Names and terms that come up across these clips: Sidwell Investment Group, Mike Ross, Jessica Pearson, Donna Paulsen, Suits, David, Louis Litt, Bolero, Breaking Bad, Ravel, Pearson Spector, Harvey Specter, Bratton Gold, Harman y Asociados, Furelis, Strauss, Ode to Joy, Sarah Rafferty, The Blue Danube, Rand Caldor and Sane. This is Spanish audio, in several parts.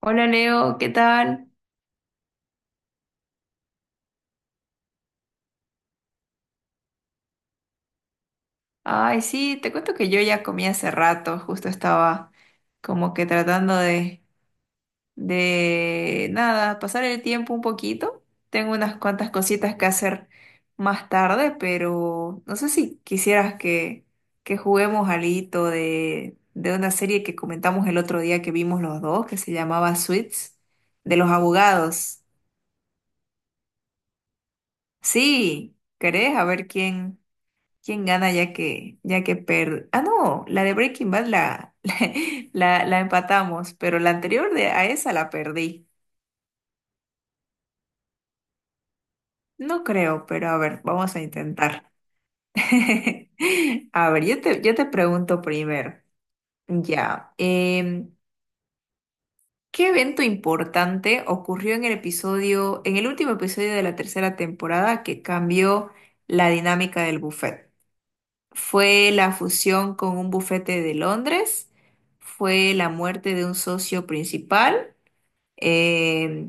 Hola Leo, ¿qué tal? Ay, sí, te cuento que yo ya comí hace rato, justo estaba como que tratando nada, pasar el tiempo un poquito. Tengo unas cuantas cositas que hacer más tarde, pero no sé si quisieras que juguemos alito de una serie que comentamos el otro día que vimos los dos, que se llamaba Suits, de los abogados. Sí, ¿querés? A ver quién. ¿Quién gana ya que per... Ah, no, la de Breaking Bad la, la empatamos, pero la anterior de, a esa la perdí. No creo, pero a ver, vamos a intentar. A ver, yo te pregunto primero. Ya, ¿qué evento importante ocurrió en el en el último episodio de la tercera temporada que cambió la dinámica del buffet? Fue la fusión con un bufete de Londres, fue la muerte de un socio principal, eh,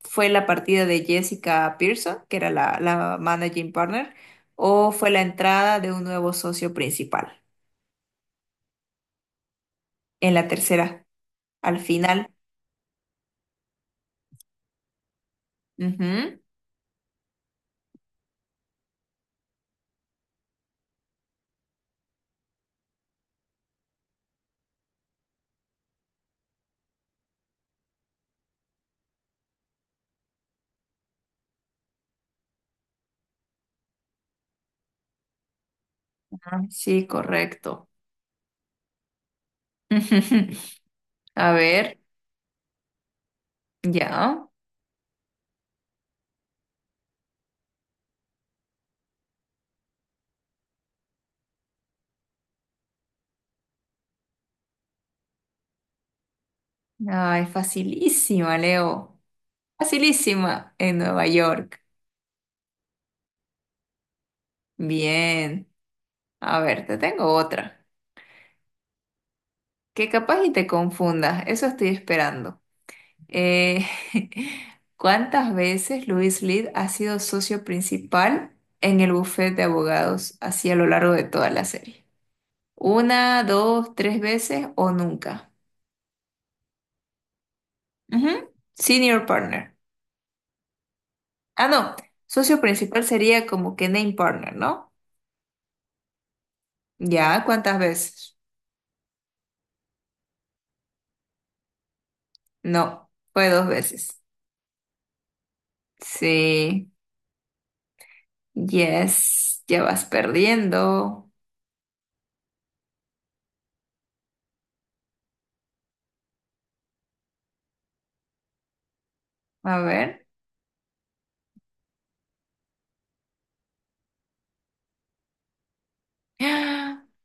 fue la partida de Jessica Pearson, que era la managing partner, o fue la entrada de un nuevo socio principal en la tercera, al final. Ujú. Ah, sí, correcto. A ver, ya. Ay, facilísima, Leo. Facilísima en Nueva York. Bien. A ver, te tengo otra, que capaz y te confundas, eso estoy esperando. Eh, ¿cuántas veces Luis Lid ha sido socio principal en el bufete de abogados así a lo largo de toda la serie? ¿Una, dos, tres veces o nunca? Ujú. Senior partner. Ah, no, socio principal sería como que name partner, ¿no? Ya, ¿cuántas veces? No, fue dos veces. Sí, yes, ya vas perdiendo. A ver.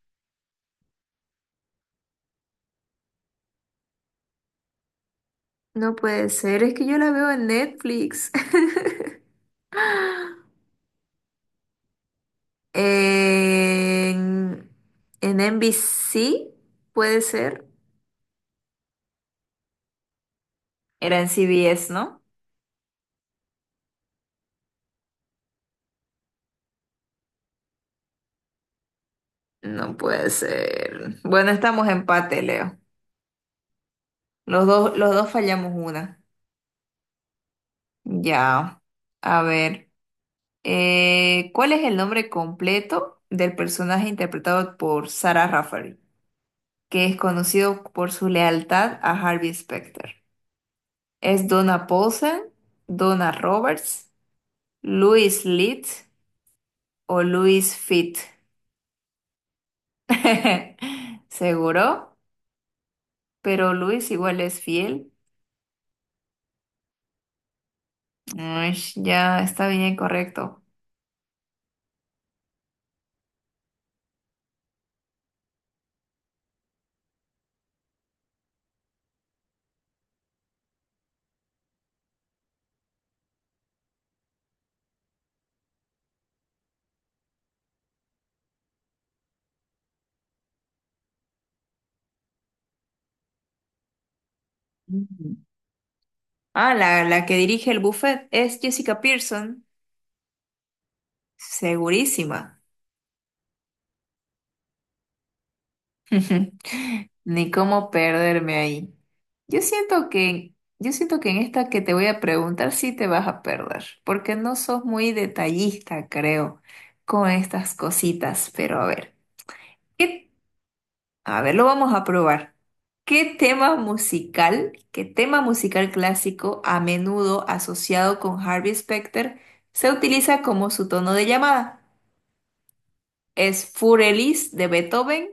No puede ser, es que yo la veo en Netflix. En, en NBC, puede ser. Era en CBS, ¿no? No puede ser. Bueno, estamos empate, Leo. Los dos fallamos una. Ya. A ver. ¿Cuál es el nombre completo del personaje interpretado por Sarah Rafferty, que es conocido por su lealtad a Harvey Specter? ¿Es Donna Paulsen, Donna Roberts, Louis Litt o Louis Fit? Seguro, pero Luis igual es fiel. Ush, ya está bien correcto. Ujú. Ah, la que dirige el buffet es Jessica Pearson. Segurísima. Ni cómo perderme ahí. Yo siento que en esta que te voy a preguntar sí te vas a perder, porque no sos muy detallista, creo, con estas cositas. Pero a ver, ¿qué- A ver, lo vamos a probar. Qué tema musical clásico a menudo asociado con Harvey Specter se utiliza como su tono de llamada? Es Furelis de Beethoven,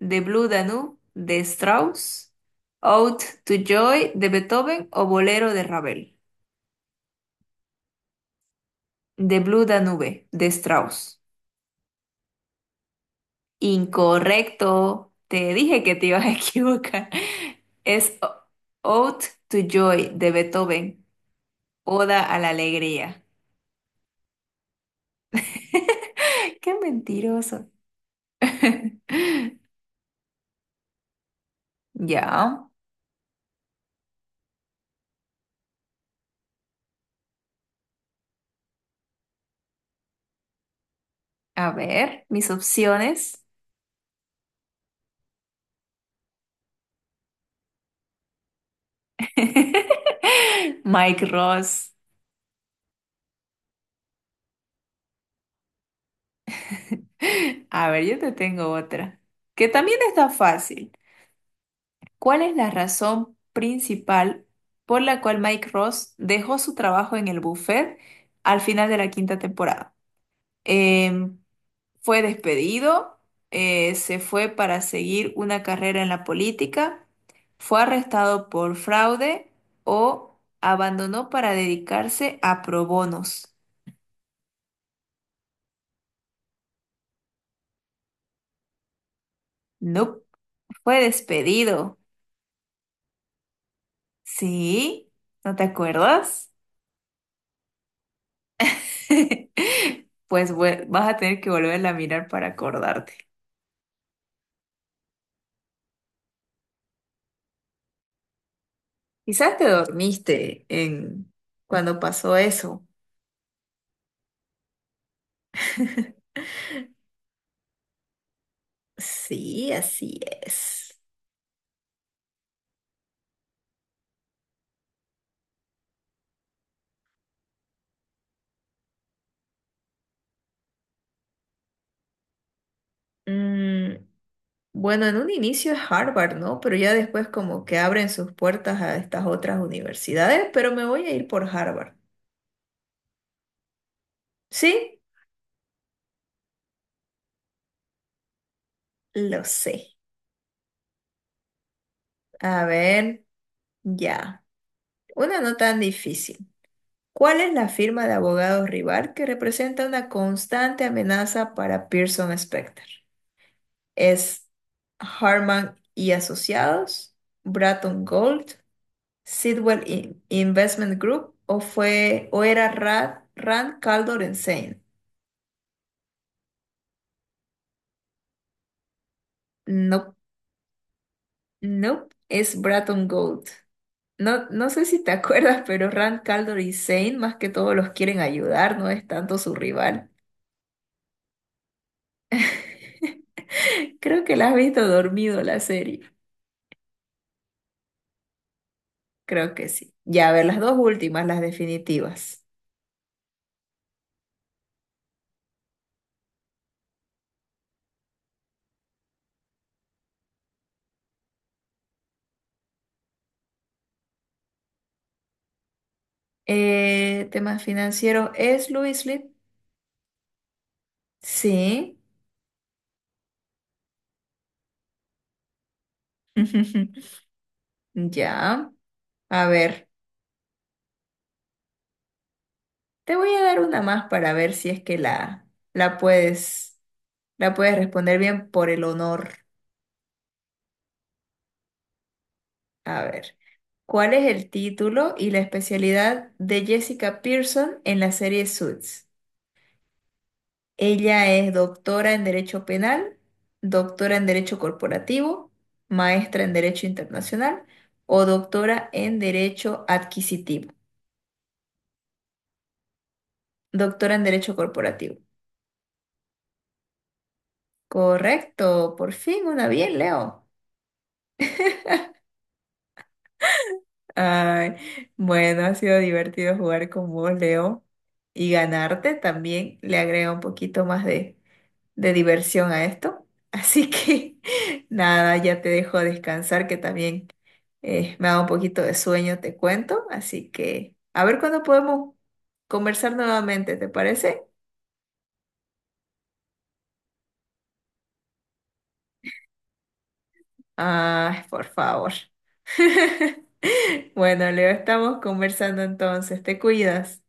The Blue Danube de Strauss, Ode to Joy de Beethoven o Bolero de Ravel. The Blue Danube de Strauss. Incorrecto. Te dije que te ibas a equivocar. Es Ode to Joy de Beethoven, Oda a la Alegría. Qué mentiroso. Ya, a ver, mis opciones. Mike Ross. A ver, yo te tengo otra, que también está fácil. ¿Cuál es la razón principal por la cual Mike Ross dejó su trabajo en el buffet al final de la quinta temporada? Em, ¿Fue despedido? ¿Se fue para seguir una carrera en la política? ¿Fue arrestado por fraude o abandonó para dedicarse a pro bonos? No, fue despedido. ¿Sí? ¿No te acuerdas? Pues vas a tener que volverla a mirar para acordarte. Quizás te dormiste en cuando pasó eso. Sí, así es. Mm, bueno, en un inicio es Harvard, ¿no? Pero ya después como que abren sus puertas a estas otras universidades, pero me voy a ir por Harvard. Sí, lo sé. A ver, ya. Una no tan difícil. ¿Cuál es la firma de abogados rival que representa una constante amenaza para Pearson Spector? ¿Es Harman y Asociados, Bratton Gold, Investment Group o fue o era Rand Caldor and Sane? No, no, es Bratton Gold. No, no sé si te acuerdas, pero Rand Caldor y Sane más que todos los quieren ayudar, no es tanto su rival. Creo que la has visto dormido la serie. Creo que sí. Ya, a ver, las dos últimas, las definitivas. Temas financieros, ¿es Louis Lipp? Sí. Ya. A ver, te voy a dar una más para ver si es que la puedes, la puedes responder bien por el honor. A ver, ¿cuál es el título y la especialidad de Jessica Pearson en la serie Suits? Ella es doctora en Derecho Penal, doctora en Derecho Corporativo, maestra en Derecho Internacional o doctora en Derecho Adquisitivo. Doctora en Derecho Corporativo. Correcto, por fin una bien, Leo. Ay, bueno, ha sido divertido jugar con vos, Leo, y ganarte también le agrega un poquito más de diversión a esto. Así que nada, ya te dejo descansar, que también eh, me da un poquito de sueño, te cuento, así que a ver cuándo podemos conversar nuevamente, ¿te parece? Ay, por favor. Bueno, Leo, estamos conversando entonces, te cuidas.